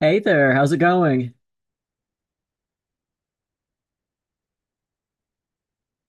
Hey there, how's it going?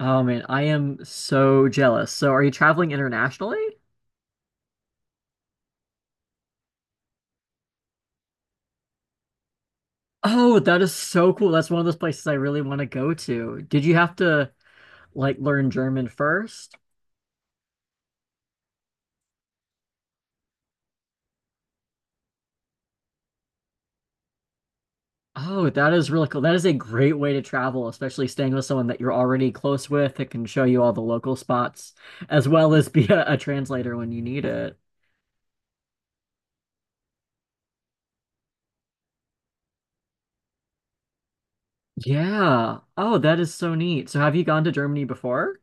Oh man, I am so jealous. So, are you traveling internationally? Oh, that is so cool. That's one of those places I really want to go to. Did you have to like learn German first? Oh, that is really cool. That is a great way to travel, especially staying with someone that you're already close with that can show you all the local spots, as well as be a translator when you need it. Yeah. Oh, that is so neat. So, have you gone to Germany before?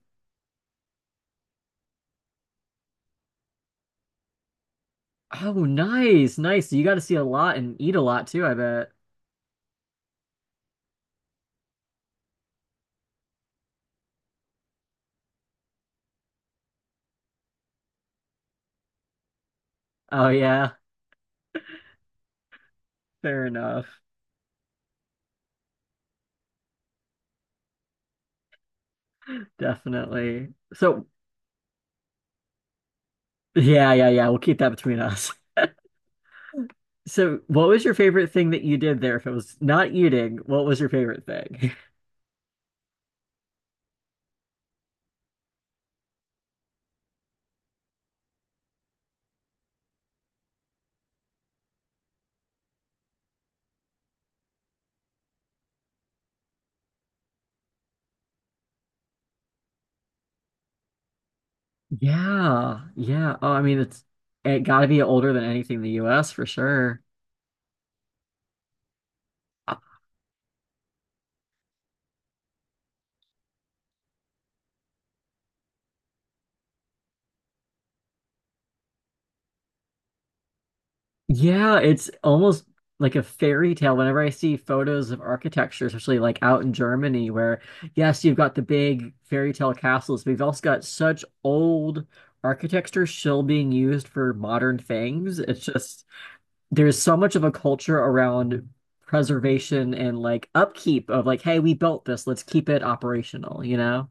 Oh, nice, nice. You got to see a lot and eat a lot too, I bet. Oh yeah, fair enough. Definitely. So yeah, yeah, yeah, we'll keep that between us. So what was your favorite thing that you did there? If it was not eating, what was your favorite thing? Yeah, yeah. Oh, I mean, it's it got to be older than anything in the U.S. for sure. Yeah, it's almost like a fairy tale whenever I see photos of architecture, especially like out in Germany, where yes, you've got the big fairy tale castles, but you've also got such old architecture still being used for modern things. It's just there's so much of a culture around preservation and like upkeep of like, hey, we built this, let's keep it operational, you know?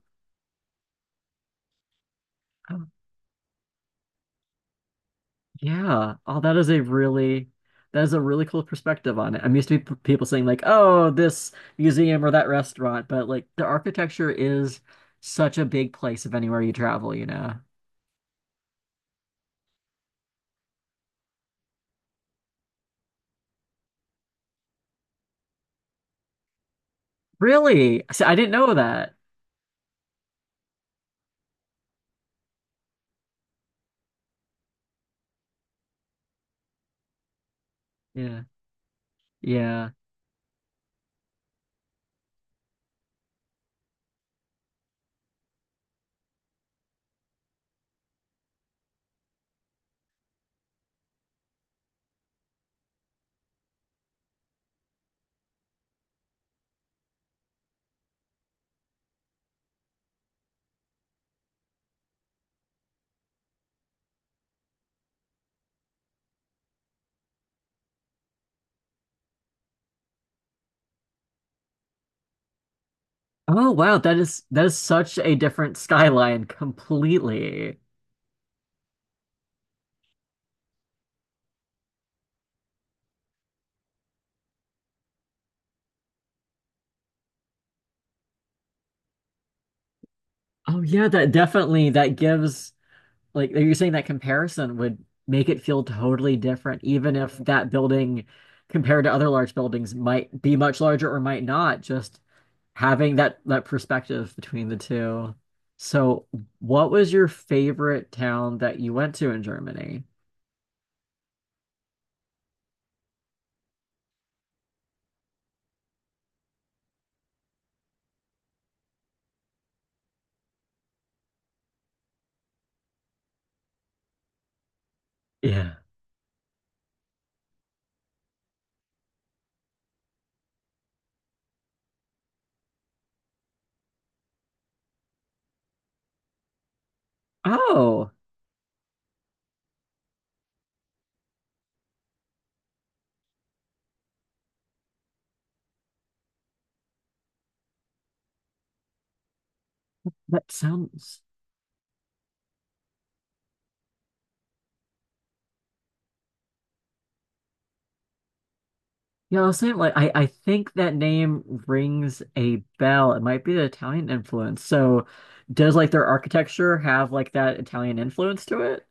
Yeah. Oh, that is a really that is a really cool perspective on it. I'm used to people saying like, "Oh, this museum or that restaurant," but like the architecture is such a big place of anywhere you travel, you know. Really? See, I didn't know that. Yeah. Yeah. Oh, wow, that is such a different skyline completely. Oh yeah, that definitely that gives like, are you saying that comparison would make it feel totally different, even if that building compared to other large buildings might be much larger or might not, just having that perspective between the two. So, what was your favorite town that you went to in Germany? Yeah. Oh, that sounds yeah, I was saying like I think that name rings a bell. It might be the Italian influence. So does like their architecture have like that Italian influence to it?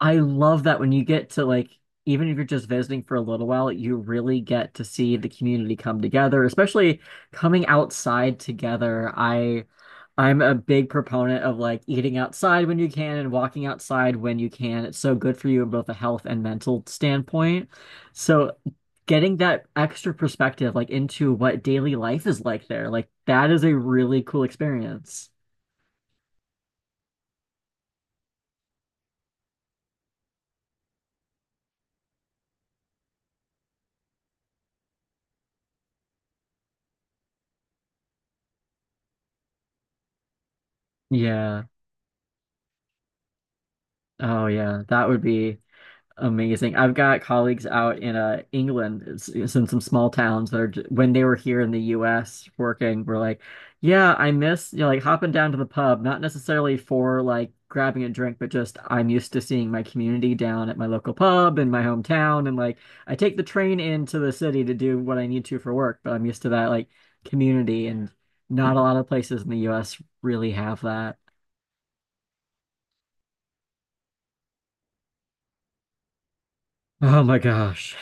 I love that when you get to like, even if you're just visiting for a little while, you really get to see the community come together, especially coming outside together. I'm a big proponent of like eating outside when you can and walking outside when you can. It's so good for you in both a health and mental standpoint. So getting that extra perspective like into what daily life is like there, like that is a really cool experience. Yeah. Oh yeah, that would be amazing. I've got colleagues out in England. It's in some small towns that are j when they were here in the US working, were like, yeah, I miss you know, like hopping down to the pub, not necessarily for like grabbing a drink, but just I'm used to seeing my community down at my local pub in my hometown, and like I take the train into the city to do what I need to for work, but I'm used to that like community, and not a lot of places in the US really have that. Oh my gosh.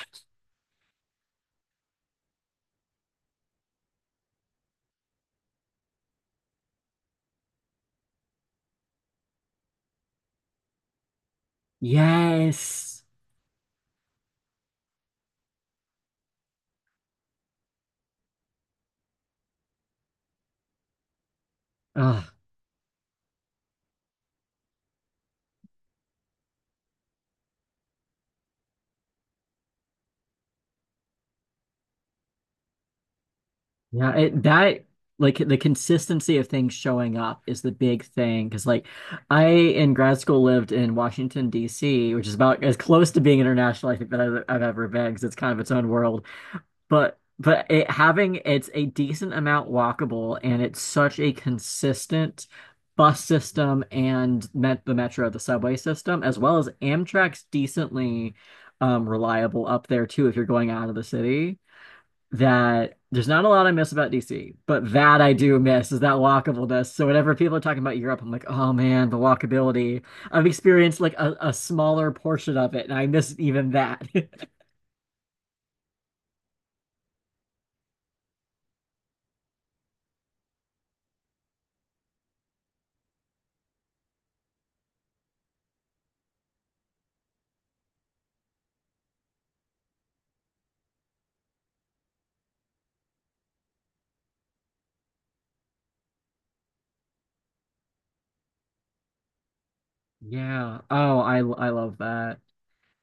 Yes. Ugh. Yeah, it, that like the consistency of things showing up is the big thing. Because like I in grad school lived in Washington, D.C., which is about as close to being international I think that I've ever been because it's kind of its own world. But it having it's a decent amount walkable and it's such a consistent bus system and met the metro, the subway system, as well as Amtrak's decently reliable up there too if you're going out of the city that there's not a lot I miss about DC, but that I do miss is that walkableness. So whenever people are talking about Europe, I'm like, oh man, the walkability. I've experienced like a smaller portion of it, and I miss even that. Yeah. Oh, I love that.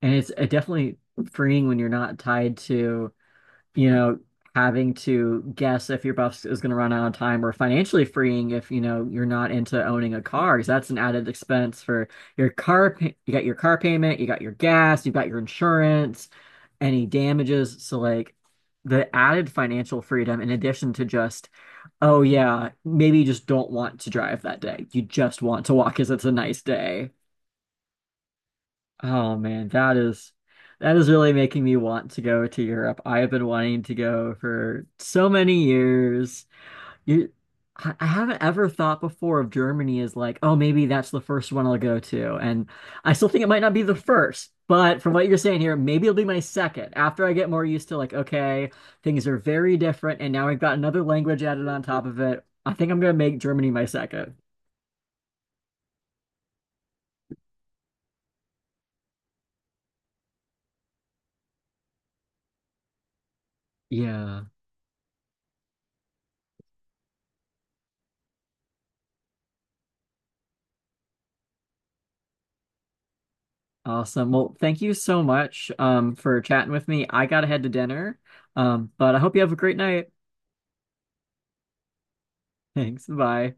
And it's definitely freeing when you're not tied to you know, having to guess if your buff is going to run out of time or financially freeing if, you know, you're not into owning a car because that's an added expense for your car. You got your car payment, you got your gas, you got your insurance, any damages. So, like, the added financial freedom in addition to just, oh, yeah, maybe you just don't want to drive that day. You just want to walk because it's a nice day. Oh man, that is really making me want to go to Europe. I have been wanting to go for so many years. You, I haven't ever thought before of Germany as like, oh, maybe that's the first one I'll go to. And I still think it might not be the first, but from what you're saying here, maybe it'll be my second after I get more used to like, okay, things are very different, and now I've got another language added on top of it. I think I'm gonna make Germany my second. Yeah. Awesome. Well, thank you so much for chatting with me. I gotta head to dinner, but I hope you have a great night. Thanks. Bye.